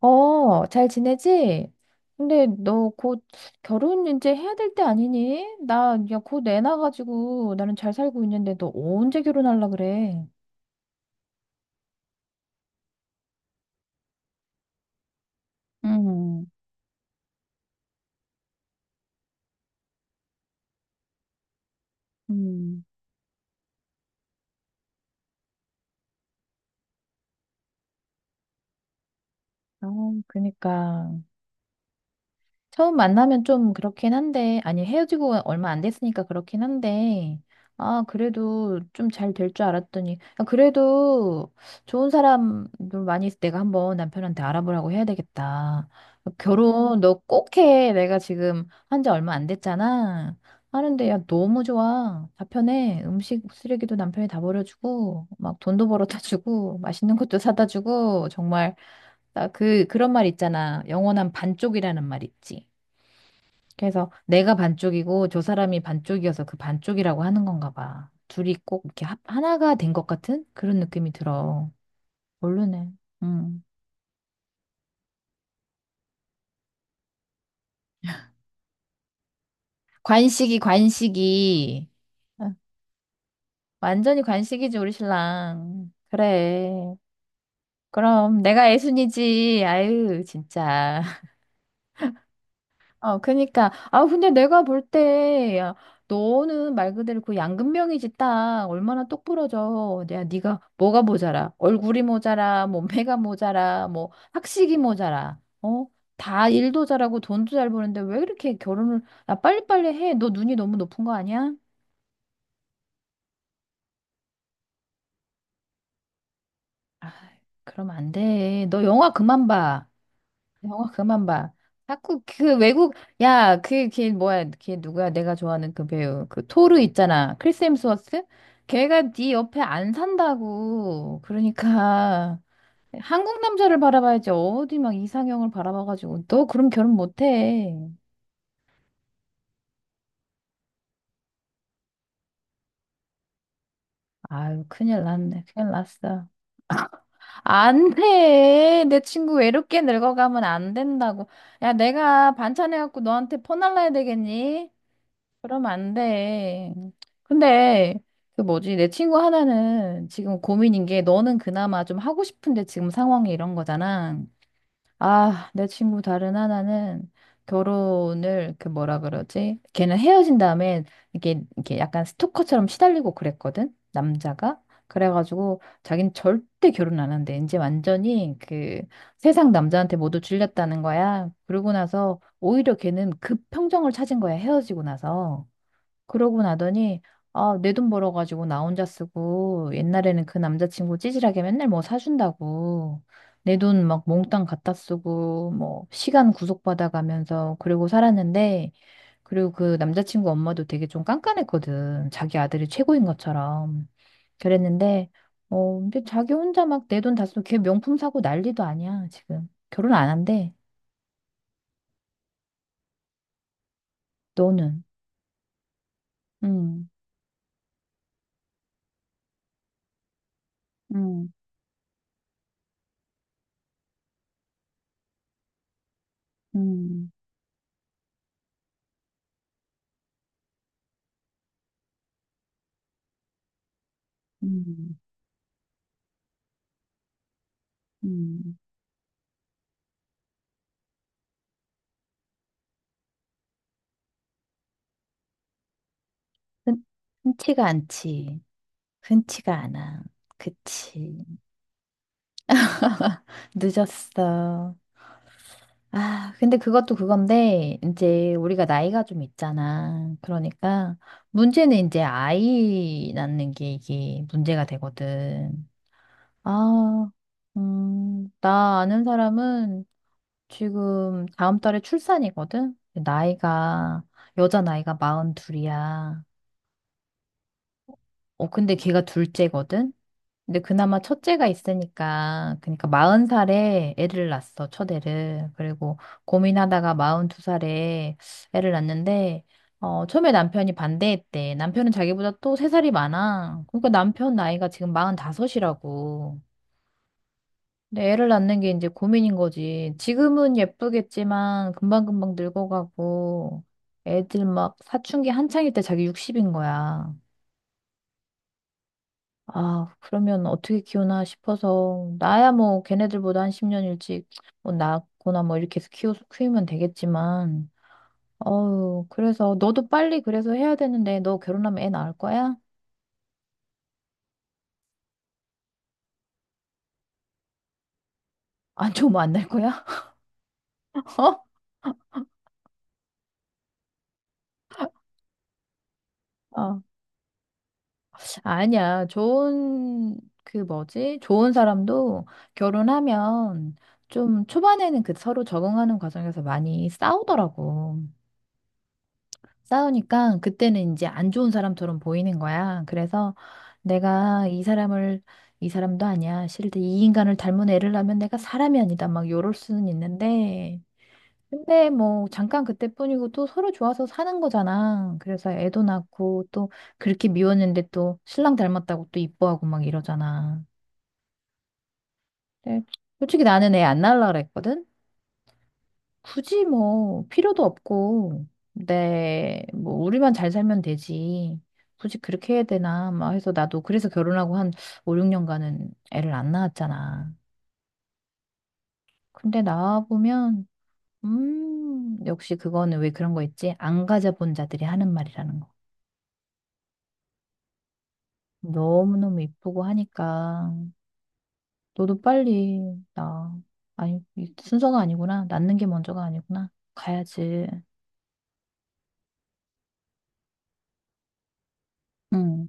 어, 잘 지내지? 근데 너 곧 결혼 이제 해야 될 때 아니니? 나 야, 곧 애 낳아가지고 나는 잘 살고 있는데 너 언제 결혼할라 그래? 음, 음. 어, 그니까. 처음 만나면 좀 그렇긴 한데, 아니, 헤어지고 얼마 안 됐으니까 그렇긴 한데, 아, 그래도 좀 잘 될 줄 알았더니, 아, 그래도 좋은 사람들 많이 있어. 내가 한번 남편한테 알아보라고 해야 되겠다. 결혼 너 꼭 해. 내가 지금 한 지 얼마 안 됐잖아. 하는데, 야, 너무 좋아. 다 편해. 음식 쓰레기도 남편이 다 버려주고, 막 돈도 벌어다 주고, 맛있는 것도 사다 주고, 정말, 나 그런 말 있잖아. 영원한 반쪽이라는 말 있지. 그래서 내가 반쪽이고 저 사람이 반쪽이어서 그 반쪽이라고 하는 건가 봐. 둘이 꼭 이렇게 하나가 된 것 같은 그런 느낌이 들어. 모르네. 음. 관식이, 관식이. 어, 완전히 관식이지, 우리 신랑. 그래. 그럼 내가 애순이지. 아유, 진짜. 어, 그니까. 아, 근데 내가 볼 때, 야, 너는 말 그대로 그 양금명이지 딱 얼마나 똑부러져. 야, 네가 뭐가 모자라. 얼굴이 모자라, 몸매가 모자라, 뭐, 학식이 모자라. 어? 다 일도 잘하고 돈도 잘 버는데 왜 이렇게 결혼을, 야, 빨리빨리 해. 너 눈이 너무 높은 거 아니야? 아, 그럼 안 돼. 너 영화 그만 봐. 영화 그만 봐. 자꾸 그 외국 야, 그 걔 뭐야? 걔 누구야? 내가 좋아하는 그 배우. 그 토르 있잖아. 크리스 햄스워스? 걔가 네 옆에 안 산다고. 그러니까 한국 남자를 바라봐야지 어디 막 이상형을 바라봐가지고 너 그럼 결혼 못해. 아유, 큰일 났네, 큰일 났어. 안 돼. 내 친구 외롭게 늙어가면 안 된다고. 야, 내가 반찬 해갖고 너한테 퍼날라야 되겠니? 그러면 안 돼. 근데 그 뭐지? 내 친구 하나는 지금 고민인 게 너는 그나마 좀 하고 싶은데 지금 상황이 이런 거잖아. 아, 내 친구 다른 하나는 결혼을 그 뭐라 그러지? 걔는 헤어진 다음에 이게 약간 스토커처럼 시달리고 그랬거든. 남자가. 그래가지고 자기는 절대 결혼 안 한대. 이제 완전히 그 세상 남자한테 모두 질렸다는 거야. 그러고 나서 오히려 걔는 급 평정을 찾은 거야. 헤어지고 나서. 그러고 나더니 아, 내 돈 벌어가지고 나 혼자 쓰고 옛날에는 그 남자친구 찌질하게 맨날 뭐 사준다고 내 돈 막 몽땅 갖다 쓰고 뭐 시간 구속받아가면서 그러고 살았는데 그리고 그 남자친구 엄마도 되게 좀 깐깐했거든. 자기 아들이 최고인 것처럼. 그랬는데 어, 근데 자기 혼자 막 내 돈 다 쓰고 걔 명품 사고 난리도 아니야, 지금. 결혼 안 한대. 너는. 음. 음. 음. 음. 음. 흔, 흔치가 않지. 흔치가 않아. 그치. 늦었어. 아, 근데 그것도 그건데, 이제 우리가 나이가 좀 있잖아. 그러니까, 문제는 이제 아이 낳는 게 이게 문제가 되거든. 아, 나 아는 사람은 지금 다음 달에 출산이거든? 나이가, 여자 나이가 42살이야. 어, 근데 걔가 둘째거든? 근데 그나마 첫째가 있으니까, 그러니까 마흔 살에 애를 낳았어, 첫애를. 그리고 고민하다가 마흔 두 살에 애를 낳았는데, 어, 처음에 남편이 반대했대. 남편은 자기보다 또 세 살이 많아. 그러니까 남편 나이가 지금 마흔 다섯이라고. 근데 애를 낳는 게 이제 고민인 거지. 지금은 예쁘겠지만, 금방금방 늙어가고, 애들 막 사춘기 한창일 때 자기 60인 거야. 아, 그러면 어떻게 키우나 싶어서, 나야 뭐 걔네들보다 한 10년 일찍 뭐 낳거나 뭐 이렇게 해서 키우면 되겠지만, 어우, 그래서 너도 빨리 그래서 해야 되는데, 너 결혼하면 애 낳을 거야? 안 좋으면 안 낳을 거야? 어? 어. 아니야. 좋은, 그 뭐지? 좋은 사람도 결혼하면 좀 초반에는 그 서로 적응하는 과정에서 많이 싸우더라고. 싸우니까 그때는 이제 안 좋은 사람처럼 보이는 거야. 그래서 내가 이 사람도 아니야. 싫은데 이 인간을 닮은 애를 낳으면 내가 사람이 아니다. 막 요럴 수는 있는데. 근데 뭐 잠깐 그때뿐이고 또 서로 좋아서 사는 거잖아. 그래서 애도 낳고 또 그렇게 미웠는데 또 신랑 닮았다고 또 이뻐하고 막 이러잖아. 근데 솔직히 나는 애 안 낳으려고 그랬거든. 굳이 뭐 필요도 없고 내 뭐 우리만 잘 살면 되지. 굳이 그렇게 해야 되나 막 해서 나도 그래서 결혼하고 한 5, 6년간은 애를 안 낳았잖아. 근데 낳아 보면 역시 그거는 왜 그런 거 있지? 안 가져본 자들이 하는 말이라는 거. 너무너무 이쁘고 하니까 너도 빨리 나 아니 이 순서가 아니구나. 낳는 게 먼저가 아니구나. 가야지. 응.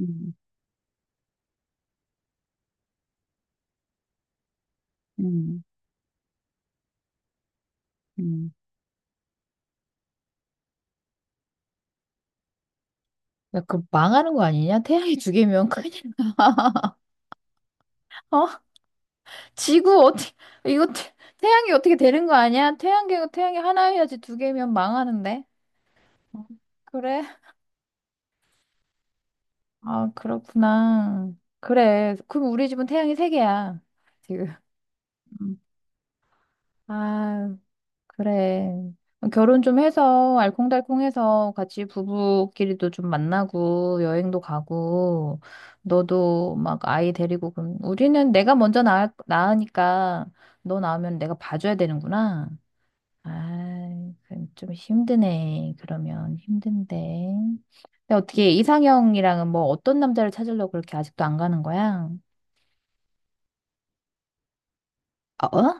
응. 응. 응. 야, 그 망하는 거 아니냐? 태양이 두 개면 큰일 나. 어? 지구 어떻게 이거 태양이 어떻게 되는 거 아니야? 태양계가 태양이 하나여야지 2개면 망하는데. 어, 그래? 아, 그렇구나. 그래. 그럼 우리 집은 태양이 3개야. 지금. 음. 아, 그래. 어, 결혼 좀 해서 알콩달콩해서 같이 부부끼리도 좀 만나고 여행도 가고 너도 막 아이 데리고 그럼 우리는 내가 먼저 낳으니까 너 낳으면 내가 봐줘야 되는구나. 아, 그럼 좀 힘드네. 그러면 힘든데. 근데 어떻게 이상형이랑은 뭐 어떤 남자를 찾으려고 그렇게 아직도 안 가는 거야? 어?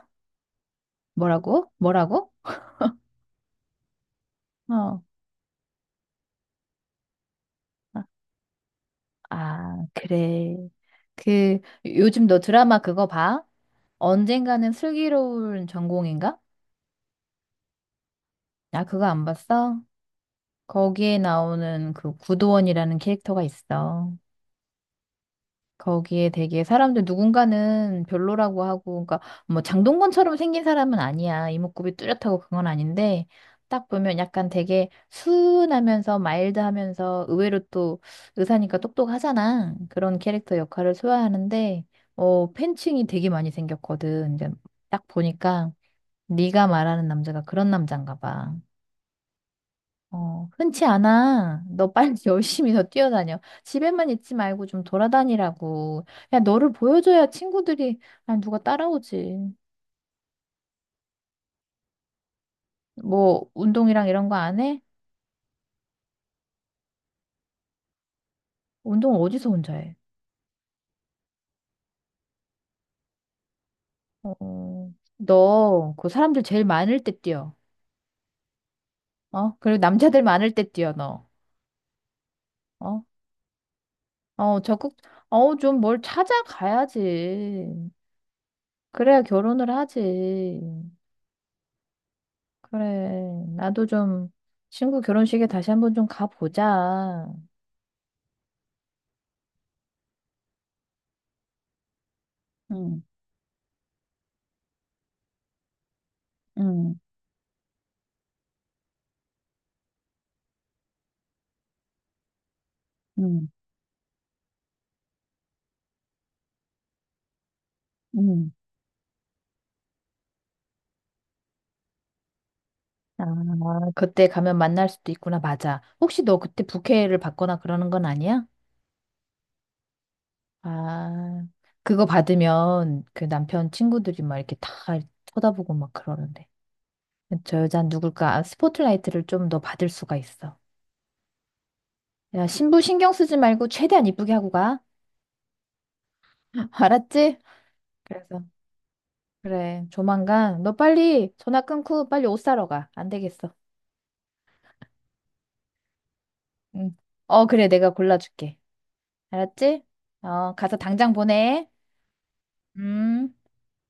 뭐라고? 뭐라고? 어. 아, 그래. 그, 요즘 너 드라마 그거 봐? 언젠가는 슬기로운 전공인가? 나 그거 안 봤어? 거기에 나오는 그 구도원이라는 캐릭터가 있어. 거기에 되게 사람들 누군가는 별로라고 하고, 그러니까 뭐 장동건처럼 생긴 사람은 아니야. 이목구비 뚜렷하고 그건 아닌데, 딱 보면 약간 되게 순하면서 마일드하면서 의외로 또 의사니까 똑똑하잖아. 그런 캐릭터 역할을 소화하는데, 어, 팬층이 되게 많이 생겼거든. 이제 딱 보니까 네가 말하는 남자가 그런 남잔가 봐. 어, 흔치 않아. 너 빨리 열심히 더 뛰어다녀. 집에만 있지 말고 좀 돌아다니라고. 야, 너를 보여줘야 친구들이, 아, 누가 따라오지. 뭐, 운동이랑 이런 거 안 해? 운동 어디서 혼자 해? 어, 어. 너, 그 사람들 제일 많을 때 뛰어. 어? 그리고 남자들 많을 때 뛰어, 너. 어? 어, 어, 좀 뭘 찾아가야지. 그래야 결혼을 하지. 그래. 나도 좀 친구 결혼식에 다시 한번 좀 가보자. 응, 응, 응, 응. 아, 그때 가면 만날 수도 있구나. 맞아. 혹시 너 그때 부케를 받거나 그러는 건 아니야? 아, 그거 받으면 그 남편 친구들이 막 이렇게 다 쳐다보고 막 그러는데. 저 여자는 누굴까? 아, 스포트라이트를 좀 더 받을 수가 있어. 야, 신부 신경 쓰지 말고 최대한 이쁘게 하고 가. 알았지? 그래서. 그래, 조만간 너 빨리 전화 끊고 빨리 옷 사러 가. 안 되겠어. 응. 어, 그래, 내가 골라줄게. 알았지? 어, 가서 당장 보내. 음.